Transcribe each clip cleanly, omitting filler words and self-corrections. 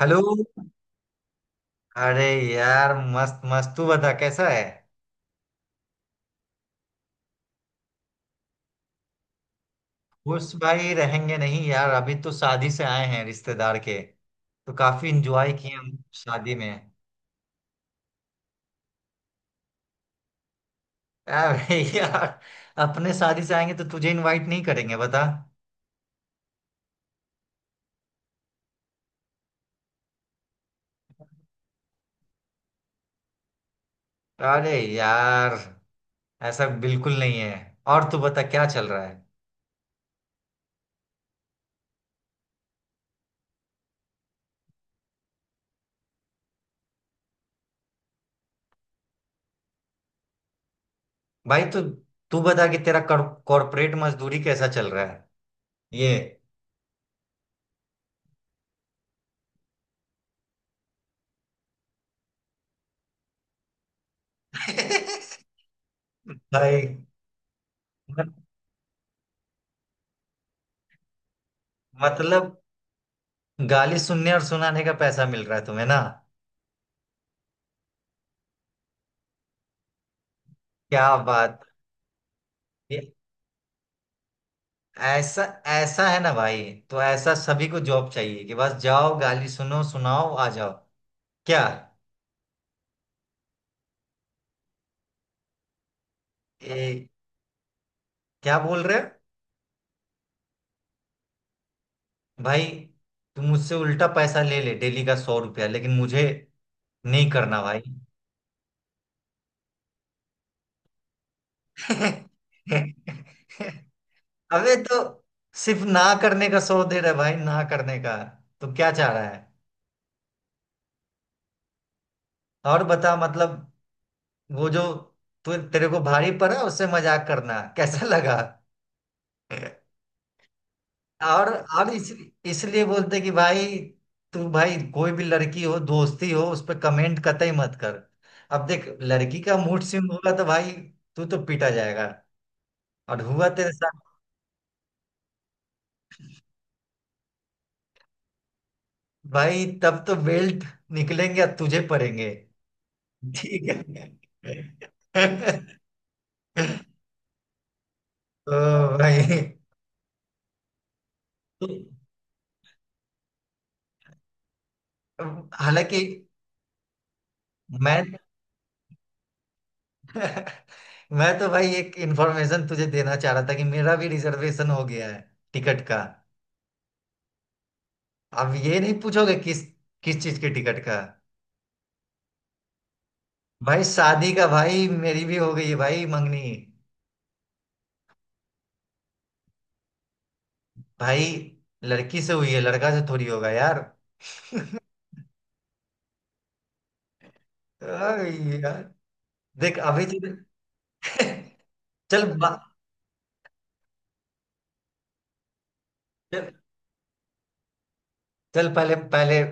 Hello. अरे यार, मस्त मस्त। तू बता, कैसा है? खुश भाई रहेंगे नहीं यार, अभी तो शादी से आए हैं रिश्तेदार के, तो काफी इंजॉय किए हम शादी में। अरे यार, अपने शादी से आएंगे तो तुझे इनवाइट नहीं करेंगे बता? अरे यार, ऐसा बिल्कुल नहीं है। और तू बता, क्या चल रहा है? भाई तू तू बता कि तेरा कॉर्पोरेट मजदूरी कैसा चल रहा है, ये। भाई मत- मतलब, गाली सुनने और सुनाने का पैसा मिल रहा है तुम्हें ना? क्या बात। ये ऐसा ऐसा है ना भाई? तो ऐसा सभी को जॉब चाहिए, कि बस जाओ, गाली सुनो, सुनाओ, आ जाओ, क्या? ए, क्या बोल रहे हो? भाई, तुम मुझसे उल्टा पैसा ले ले, डेली का 100 रुपया, लेकिन मुझे नहीं करना भाई। अबे तो सिर्फ ना करने का 100 दे रहा है भाई, ना करने का। तो क्या चाह रहा है? और बता, मतलब, वो जो तू तेरे को भारी पड़ा उससे मजाक करना कैसा लगा? और और इस, इसलिए बोलते कि भाई, तू भाई, कोई भी लड़की हो, दोस्ती हो, उस पर कमेंट कतई मत कर। अब देख, लड़की का मूड स्विंग होगा तो भाई तू तो पीटा जाएगा। और हुआ तेरे साथ? भाई तब तो बेल्ट निकलेंगे और तुझे पड़ेंगे। ठीक है। तो भाई, हालांकि मैं मैं तो भाई एक इंफॉर्मेशन तुझे देना चाह रहा था, कि मेरा भी रिजर्वेशन हो गया है, टिकट का। अब ये नहीं पूछोगे किस किस चीज के टिकट का? भाई शादी का। भाई, मेरी भी हो गई है भाई, मंगनी। भाई लड़की से हुई है, लड़का से थोड़ी होगा यार। अरे यार देख, अभी चल। चल बा- चल चल, पहले पहले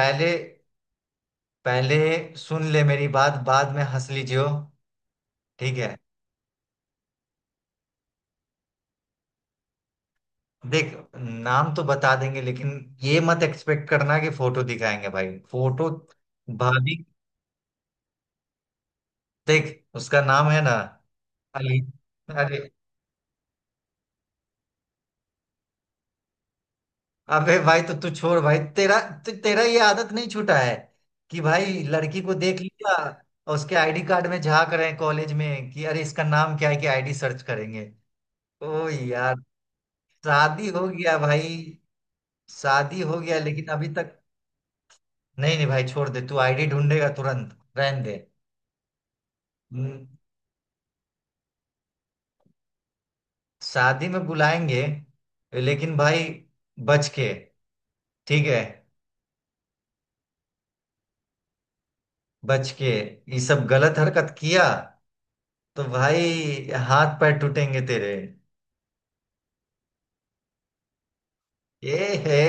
पहले पहले सुन ले मेरी बात, बाद में हंस लीजियो। ठीक है। देख, नाम तो बता देंगे, लेकिन ये मत एक्सपेक्ट करना कि फोटो दिखाएंगे भाई, फोटो। भाभी। देख, उसका नाम है ना, अली। अरे, अबे भाई, तो तू छोड़ भाई, तेरा तेरा ये आदत नहीं छूटा है, कि भाई लड़की को देख लिया और उसके आईडी कार्ड में झांक रहे हैं कॉलेज में, कि अरे इसका नाम क्या है, कि आईडी सर्च करेंगे। ओ यार। शादी हो गया भाई, शादी हो गया, लेकिन अभी तक नहीं, नहीं भाई, छोड़ दे, तू आईडी ढूंढेगा तुरंत, रहने दे। शादी में बुलाएंगे, लेकिन भाई, बच के। ठीक है? बच के। ये सब गलत हरकत किया तो भाई हाथ पैर टूटेंगे तेरे। ये है।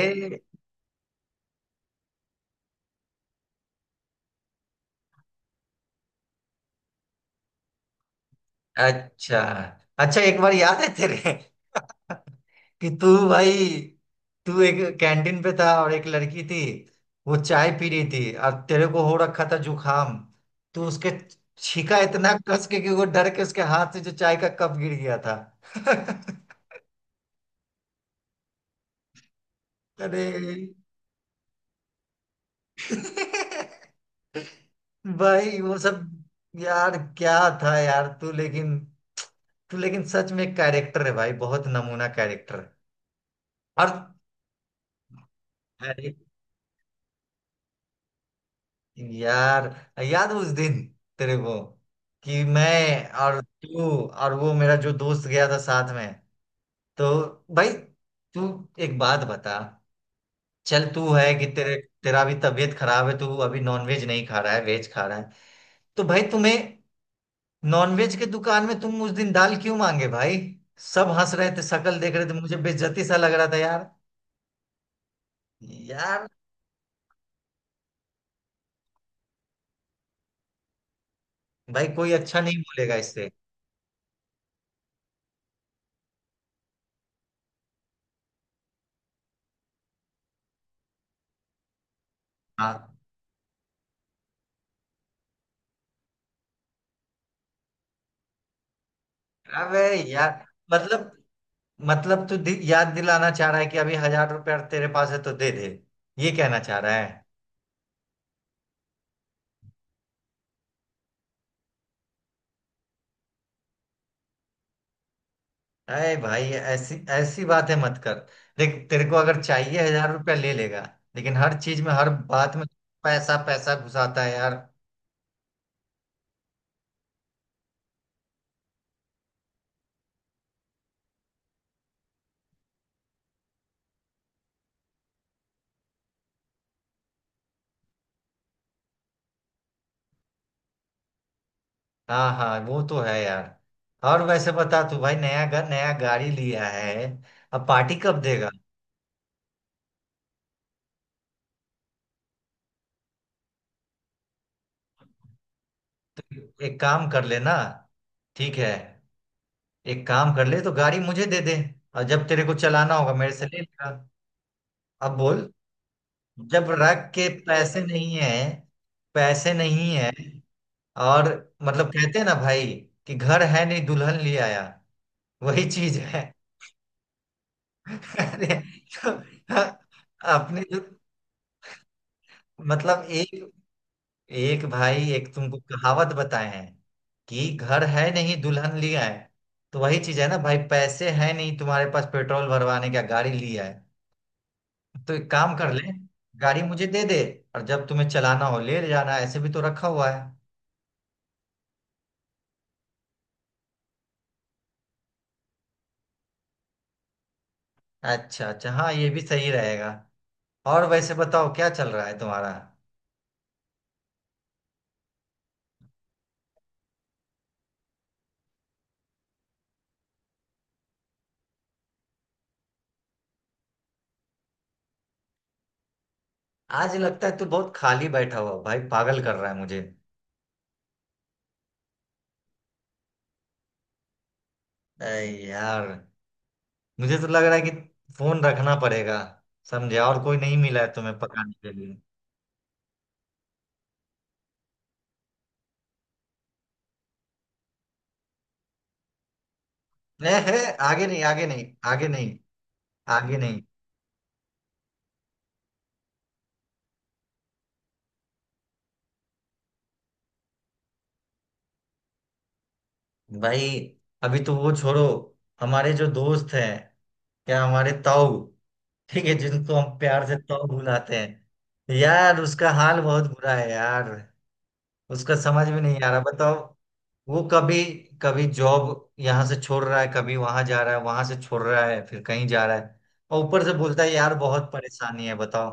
अच्छा, अच्छा एक बार याद है तेरे, कि तू भाई, तू एक कैंटीन पे था और एक लड़की थी, वो चाय पी रही थी और तेरे को हो रखा था जुखाम, तू उसके छीका इतना कस के कि वो डर के उसके हाथ से जो चाय का कप गिर गया था। अरे भाई वो सब, यार क्या था यार तू लेकिन सच में कैरेक्टर है भाई, बहुत नमूना कैरेक्टर। और अरे यार, याद है उस दिन तेरे को, कि मैं और तू और वो मेरा जो दोस्त गया था साथ में, तो भाई तू एक बात बता। चल, तू है कि तेरे तेरा भी तबीयत खराब है, तू अभी नॉनवेज नहीं खा रहा है, वेज खा रहा है, तो भाई तुम्हें, नॉनवेज के दुकान में तुम उस दिन दाल क्यों मांगे भाई? सब हंस रहे थे, शक्ल देख रहे थे, मुझे बेइज्जती सा लग रहा था यार, यार। भाई कोई अच्छा नहीं बोलेगा इससे। हाँ, अबे यार, मतलब मतलब तू याद दिलाना चाह रहा है कि अभी 1000 रुपया तेरे पास है तो दे दे, ये कहना चाह रहा है? अरे भाई, ऐसी ऐसी बातें मत कर। देख, तेरे को अगर चाहिए 1000 रुपया ले लेगा, लेकिन हर चीज में हर बात में पैसा पैसा घुसाता है यार। हाँ, हाँ, वो तो है यार। और वैसे बता तू भाई, नया घर, नया गाड़ी लिया है, अब पार्टी कब देगा? तो एक काम कर ले ना, ठीक है? एक काम कर ले, तो गाड़ी मुझे दे दे, और जब तेरे को चलाना होगा मेरे से ले लेगा। अब बोल, जब रख के पैसे नहीं है, पैसे नहीं है। और मतलब, कहते हैं ना भाई कि घर है नहीं दुल्हन ले आया, वही चीज है। अरे, तो, हाँ, अपने जो मतलब एक एक भाई एक तुमको कहावत बताए हैं, कि घर है नहीं दुल्हन लिया है, तो वही चीज है ना भाई, पैसे है नहीं तुम्हारे पास पेट्रोल भरवाने का, गाड़ी लिया है। तो एक काम कर ले, गाड़ी मुझे दे दे और जब तुम्हें चलाना हो ले जाना, ऐसे भी तो रखा हुआ है। अच्छा, अच्छा हाँ, ये भी सही रहेगा। और वैसे बताओ, क्या चल रहा है तुम्हारा? आज लगता है तू बहुत खाली बैठा हुआ भाई, पागल कर रहा है मुझे। अरे यार, मुझे तो लग रहा है कि फोन रखना पड़ेगा, समझे। और कोई नहीं मिला है तुम्हें पकाने के लिए? ए है, आगे नहीं, आगे नहीं, आगे नहीं, आगे नहीं। भाई, अभी तो वो छोड़ो, हमारे जो दोस्त हैं, या हमारे ताऊ, ठीक है, जिनको हम प्यार से ताऊ बुलाते हैं यार, उसका हाल बहुत बुरा है यार, उसका समझ में नहीं आ रहा, बताओ। वो कभी कभी जॉब यहाँ से छोड़ रहा है, कभी वहां जा रहा है, वहां से छोड़ रहा है, फिर कहीं जा रहा है, और ऊपर से बोलता है यार बहुत परेशानी है, बताओ।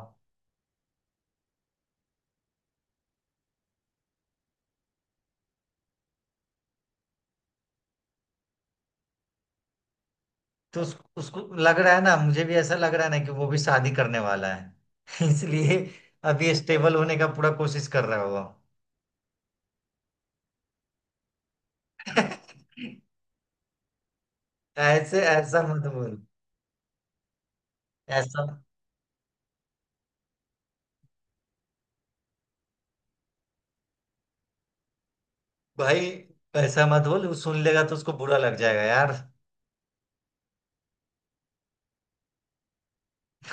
तो उसको लग रहा है ना, मुझे भी ऐसा लग रहा है ना कि वो भी शादी करने वाला है, इसलिए अभी स्टेबल होने का पूरा कोशिश कर रहा होगा। ऐसे, ऐसा मत बोल, ऐसा भाई, ऐसा मत बोल, वो सुन लेगा तो उसको बुरा लग जाएगा।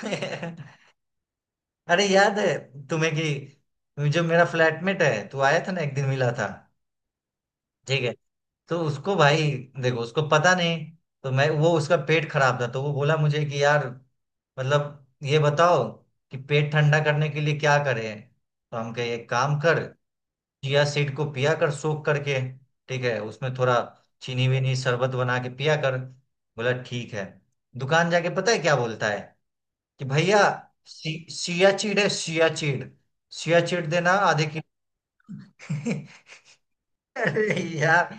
यार। अरे याद है तुम्हें, कि जो मेरा फ्लैटमेट है, तू आया था ना एक दिन मिला था, ठीक है? तो उसको भाई, देखो, उसको पता नहीं, तो मैं वो, उसका पेट खराब था, तो वो बोला मुझे कि यार मतलब ये बताओ कि पेट ठंडा करने के लिए क्या करें? तो हम कहे, एक काम कर, चिया सीड को पिया कर सोख करके, ठीक है, उसमें थोड़ा चीनी वीनी शरबत बना के पिया कर, बोला ठीक है। दुकान जाके पता है क्या बोलता है, कि भैया सियाचीन है, सियाचीन, सियाचीन देना आधे किलो। अरे यार,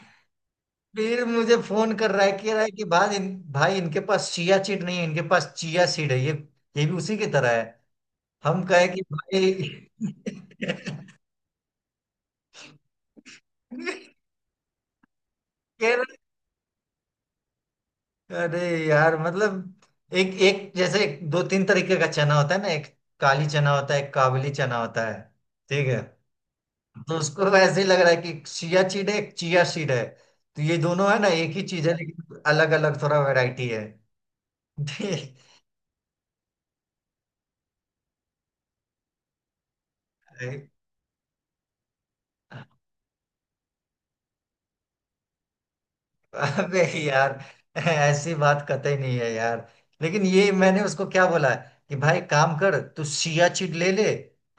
फिर मुझे फोन कर रहा है, कह रहा है कि भाई भाई इनके पास सियाचीन नहीं है, इनके पास चिया सीड है, ये भी उसी की तरह है। हम कहे कि भाई कह रहा, अरे यार मतलब एक एक जैसे एक- दो तीन तरीके का चना होता है ना, एक काली चना होता है, एक काबली चना होता है, ठीक है? तो उसको तो ऐसे ही लग रहा है कि चिया सीड है, चिया सीड है, तो ये दोनों है ना एक ही चीज है, लेकिन अलग अलग थोड़ा वैरायटी है। अबे यार, ऐसी बात कतई नहीं है यार, लेकिन ये मैंने उसको क्या बोला है, कि भाई काम कर, तू चिया सीड ले ले,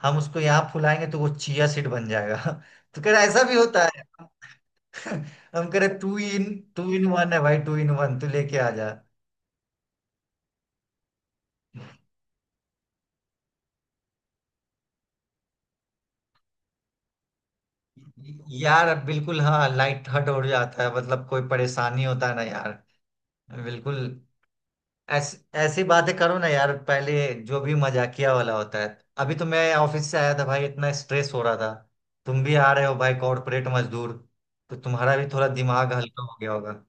हम उसको यहाँ फुलाएंगे तो वो चिया सीड बन जाएगा। तो कह रहा ऐसा भी होता है? हम कह रहे टू इन वन है भाई, टू इन वन तू लेके आ जा। यार बिल्कुल, हाँ, लाइट हर्ट हो जाता है, मतलब कोई परेशानी होता है ना यार, बिल्कुल ऐसी बातें करो ना यार पहले, जो भी मजाकिया वाला होता है। अभी तो मैं ऑफिस से आया था भाई, इतना स्ट्रेस हो रहा था, तुम भी आ रहे हो भाई कॉर्पोरेट मजदूर, तो तुम्हारा भी थोड़ा दिमाग हल्का हो गया होगा।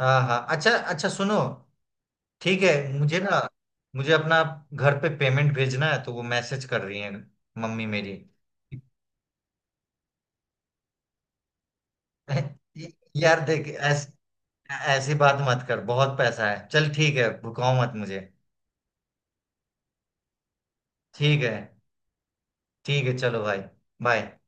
हाँ, हाँ, अच्छा, अच्छा, सुनो, ठीक है? मुझे ना, मुझे अपना घर पे पेमेंट भेजना है, तो वो मैसेज कर रही है, मम्मी मेरी। यार देख, ऐसी बात मत कर, बहुत पैसा है चल, ठीक है, भुकाओ मत मुझे। ठीक है, ठीक है, चलो भाई, बाय।